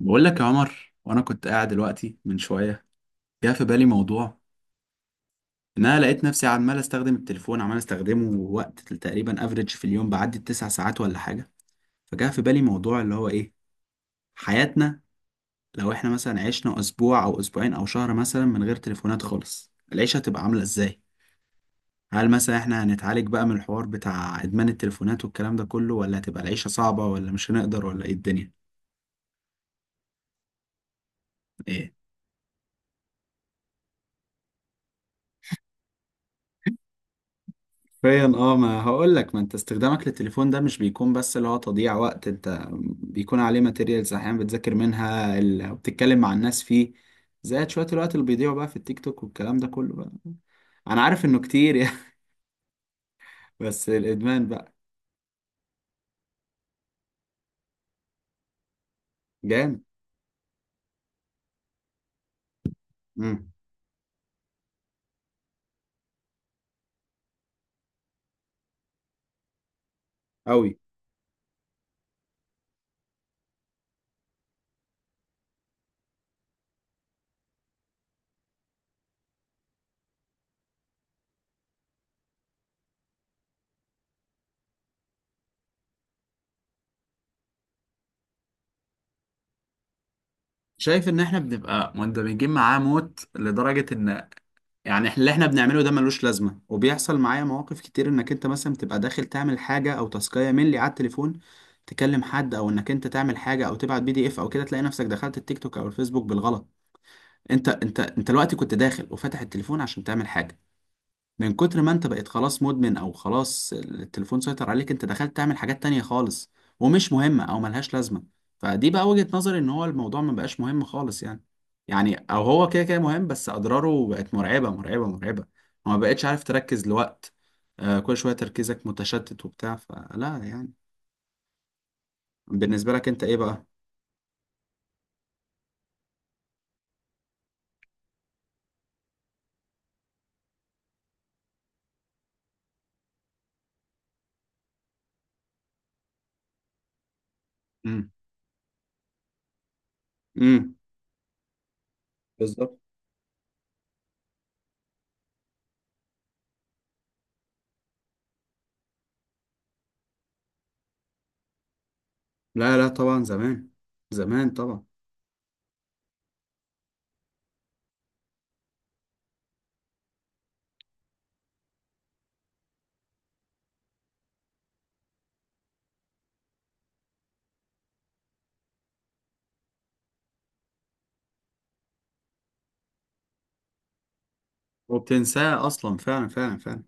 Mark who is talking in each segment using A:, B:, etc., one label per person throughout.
A: بقول لك يا عمر، وانا كنت قاعد دلوقتي من شويه جه في بالي موضوع. ان انا لقيت نفسي عمال استخدم التليفون، عمال استخدمه وقت تقريبا افريج في اليوم، بعدي التسع ساعات ولا حاجه. فجاء في بالي موضوع اللي هو ايه، حياتنا لو احنا مثلا عشنا اسبوع او اسبوعين او شهر مثلا من غير تليفونات خالص، العيشه هتبقى عامله ازاي؟ هل مثلا احنا هنتعالج بقى من الحوار بتاع ادمان التليفونات والكلام ده كله، ولا هتبقى العيشه صعبه، ولا مش هنقدر، ولا ايه الدنيا؟ ايه. حرفيا اه، ما هقول لك، ما انت استخدامك للتليفون ده مش بيكون بس اللي هو تضييع وقت، انت بيكون عليه ماتيريالز احيانا بتذاكر منها وبتتكلم مع الناس فيه. زائد شوية الوقت اللي بيضيعوا بقى في التيك توك والكلام ده كله بقى. انا عارف انه كتير يعني. بس الادمان بقى. جامد. امم. قوي. شايف ان احنا بنبقى مندمجين معاه موت لدرجة ان، يعني اللي احنا بنعمله ده ملوش لازمه، وبيحصل معايا مواقف كتير انك انت مثلا بتبقى داخل تعمل حاجه او تاسكايه ملي على التليفون، تكلم حد، او انك انت تعمل حاجه او تبعت PDF او كده، تلاقي نفسك دخلت التيك توك او الفيسبوك بالغلط. انت الوقت كنت داخل وفاتح التليفون عشان تعمل حاجه، من كتر ما انت بقيت خلاص مدمن، او خلاص التليفون سيطر عليك، انت دخلت تعمل حاجات تانية خالص ومش مهمة او ملهاش لازمة. فدي بقى وجهة نظري، ان هو الموضوع ما بقاش مهم خالص يعني. يعني او هو كده كده مهم، بس اضراره بقت مرعبة مرعبة مرعبة. وما بقتش عارف تركز لوقت. آه، كل شوية تركيزك متشتت وبتاع فلا يعني. بالنسبة لك انت ايه بقى؟ امم. امم. بالظبط. لا لا طبعا زمان. زمان طبعا. وبتنساه اصلا، فعلا فعلا فعلا.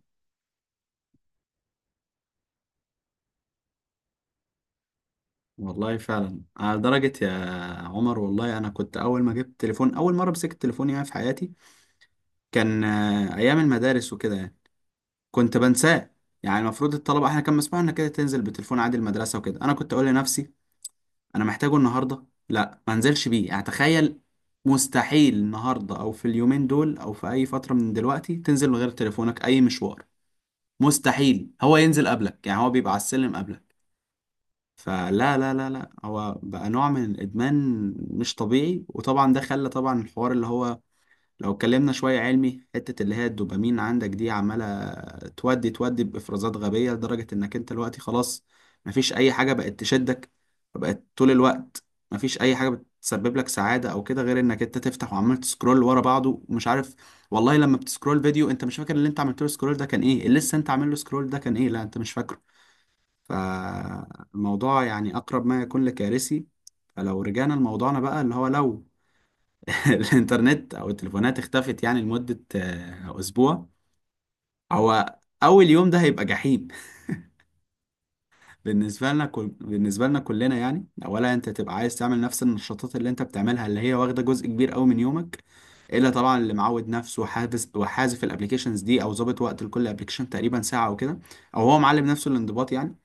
A: والله فعلا، على درجة يا عمر. والله أنا كنت أول ما جبت تليفون، أول مرة مسكت تليفون يعني في حياتي، كان أيام المدارس وكده يعني، كنت بنساه. يعني المفروض الطلبة إحنا كان مسموح إنك كده تنزل بتليفون عادي المدرسة وكده، أنا كنت أقول لنفسي أنا محتاجه النهاردة، لا ما انزلش بيه يعني. تخيل مستحيل النهاردة أو في اليومين دول أو في أي فترة من دلوقتي تنزل من غير تليفونك أي مشوار. مستحيل هو ينزل قبلك، يعني هو بيبقى على السلم قبلك. فلا، لا لا لا، هو بقى نوع من الادمان مش طبيعي. وطبعا ده خلى، طبعا، الحوار اللي هو، لو اتكلمنا شويه علمي، حته اللي هي الدوبامين عندك دي عماله تودي تودي بافرازات غبيه، لدرجه انك انت دلوقتي خلاص مفيش اي حاجه بقت تشدك، فبقت طول الوقت مفيش اي حاجه بتسبب لك سعاده او كده غير انك انت تفتح وعمال تسكرول ورا بعضه ومش عارف. والله لما بتسكرول فيديو انت مش فاكر اللي انت عملت له سكرول ده كان ايه، اللي لسه انت عامل له سكرول ده كان ايه، لا انت مش فاكره. فالموضوع يعني أقرب ما يكون لكارثي. فلو رجعنا لموضوعنا بقى، اللي هو لو الإنترنت أو التليفونات اختفت يعني لمدة أسبوع، هو أول يوم ده هيبقى جحيم. بالنسبة لنا كلنا يعني، أولا أنت تبقى عايز تعمل نفس النشاطات اللي أنت بتعملها، اللي هي واخدة جزء كبير أوي من يومك. إلا طبعا اللي معود نفسه وحافظ وحازف الأبليكيشنز دي، أو ظابط وقت لكل أبليكيشن تقريبا ساعة أو كده، أو هو معلم نفسه الانضباط يعني.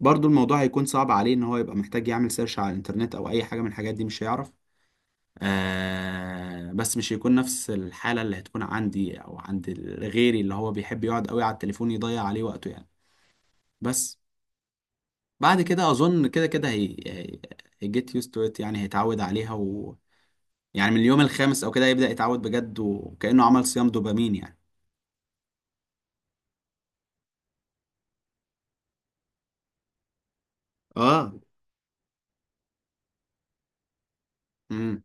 A: برضو الموضوع هيكون صعب عليه ان هو يبقى محتاج يعمل سيرش على الانترنت او اي حاجة من الحاجات دي، مش هيعرف. آه، بس مش هيكون نفس الحالة اللي هتكون عندي او عند غيري اللي هو بيحب يقعد قوي على التليفون يضيع عليه وقته يعني. بس بعد كده اظن كده كده هي جيت used to it يعني، هيتعود عليها، و، يعني من اليوم الخامس او كده يبدأ يتعود بجد، وكأنه عمل صيام دوبامين يعني. اه. امم.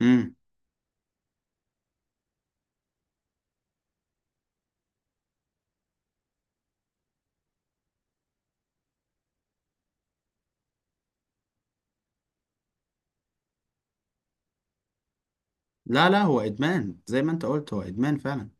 A: امم. لا لا، هو ادمان زي ما انت قلت، هو ادمان فعلا.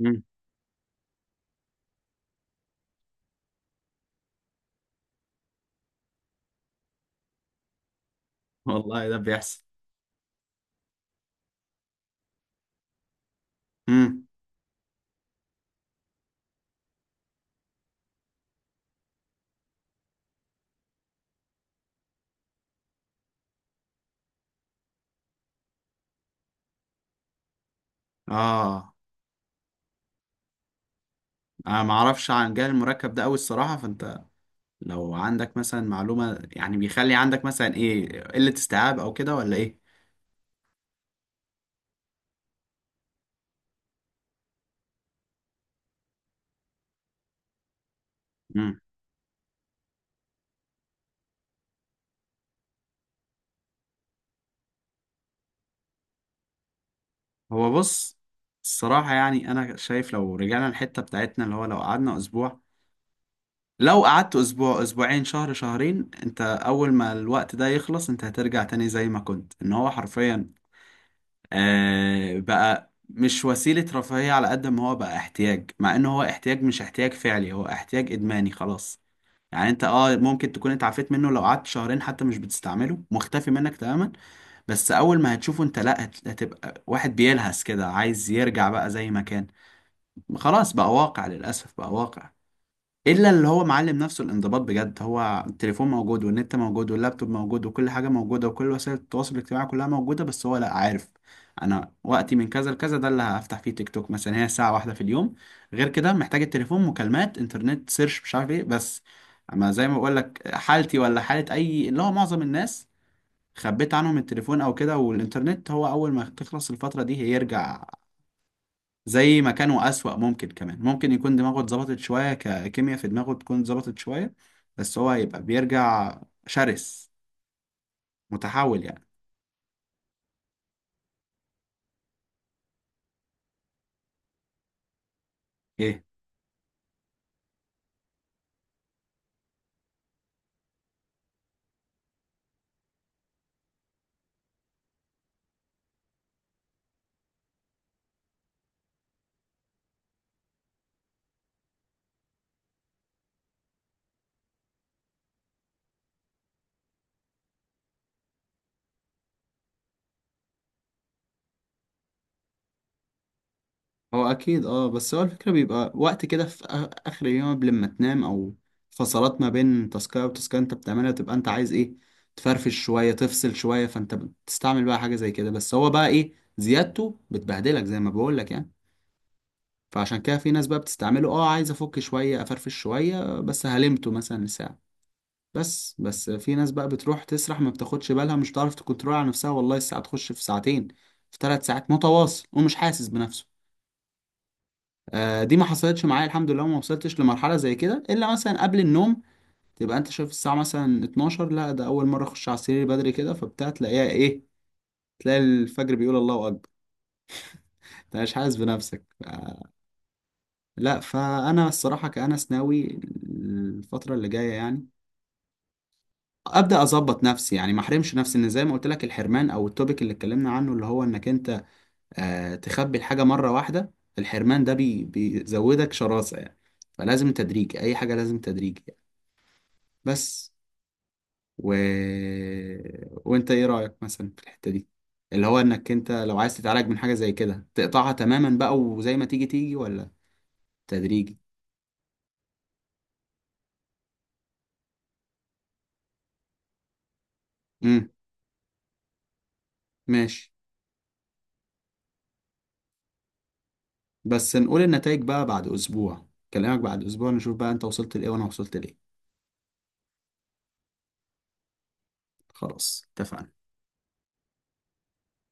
A: امم. والله ده بيحصل. مم. اه، انا ما اعرفش عن جهاز المركب ده قوي الصراحه، فانت لو عندك مثلا معلومه يعني، بيخلي عندك مثلا ايه، قله استيعاب او كده، ولا ايه؟ مم. هو بص، الصراحه يعني انا شايف لو رجعنا الحته بتاعتنا اللي هو، لو قعدنا اسبوع، لو قعدت اسبوع اسبوعين شهر شهرين، انت اول ما الوقت ده يخلص انت هترجع تاني زي ما كنت. ان هو حرفيا آه، بقى مش وسيله رفاهيه على قد ما هو بقى احتياج، مع ان هو احتياج مش احتياج فعلي، هو احتياج ادماني خلاص يعني. انت ممكن تكون انت عفيت منه لو قعدت شهرين حتى مش بتستعمله، مختفي منك تماما. بس اول ما هتشوفه، انت لا، هتبقى واحد بيلهس كده عايز يرجع بقى زي ما كان. خلاص بقى واقع، للاسف بقى واقع. الا اللي هو معلم نفسه الانضباط بجد، هو التليفون موجود والنت موجود واللابتوب موجود وكل حاجه موجوده وكل وسائل التواصل الاجتماعي كلها موجوده، بس هو لا عارف انا وقتي من كذا لكذا ده اللي هفتح فيه تيك توك مثلا، هي ساعه واحده في اليوم. غير كده محتاج التليفون مكالمات انترنت سيرش مش عارف ايه، بس اما زي ما بقول لك، حالتي ولا حاله اي اللي هو معظم الناس، خبيت عنهم التليفون او كده والانترنت، هو اول ما تخلص الفتره دي هيرجع زي ما كانوا أسوأ. ممكن كمان ممكن يكون دماغه اتظبطت شوية، ككيمياء في دماغه تكون اتظبطت شوية، بس هو هيبقى بيرجع شرس متحول يعني. ايه. هو أكيد اه، بس هو الفكرة بيبقى وقت كده في آخر اليوم قبل ما تنام، أو فصلات ما بين تاسكاية وتاسكاية أنت بتعملها، تبقى أنت عايز ايه، تفرفش شوية، تفصل شوية، فأنت بتستعمل بقى حاجة زي كده. بس هو بقى ايه، زيادته بتبهدلك زي ما بقولك يعني. فعشان كده في ناس بقى بتستعمله عايز افك شوية افرفش شوية، بس هلمته مثلا ساعة بس في ناس بقى بتروح تسرح، ما بتاخدش بالها، مش تعرف تكنترول على نفسها، والله الساعة تخش في ساعتين، في 3 ساعات متواصل ومش حاسس بنفسه. آه، دي ما حصلتش معايا الحمد لله وما وصلتش لمرحلة زي كده، إلا مثلا قبل النوم، تبقى أنت شايف الساعة مثلا 12، لا ده أول مرة أخش على السرير بدري كده، فبتاع تلاقيها إيه، تلاقي الفجر بيقول الله أكبر، أنت مش حاسس بنفسك لا، فأنا الصراحة كأنس ناوي الفترة اللي جاية يعني ابدا اظبط نفسي يعني، ما احرمش نفسي ان زي ما قلت لك الحرمان او التوبيك اللي اتكلمنا عنه اللي هو انك انت تخبي الحاجه مره واحده، الحرمان ده بيزودك شراسه يعني. فلازم تدريج اي حاجه، لازم تدريج يعني. بس و... وانت ايه رايك مثلا في الحته دي، اللي هو انك انت لو عايز تتعالج من حاجه زي كده تقطعها تماما بقى وزي ما تيجي تيجي، ولا تدريجي؟ امم. ماشي. بس نقول النتائج بقى بعد اسبوع، كلامك، بعد اسبوع نشوف بقى انت وصلت لايه وانا وصلت لايه. خلاص اتفقنا.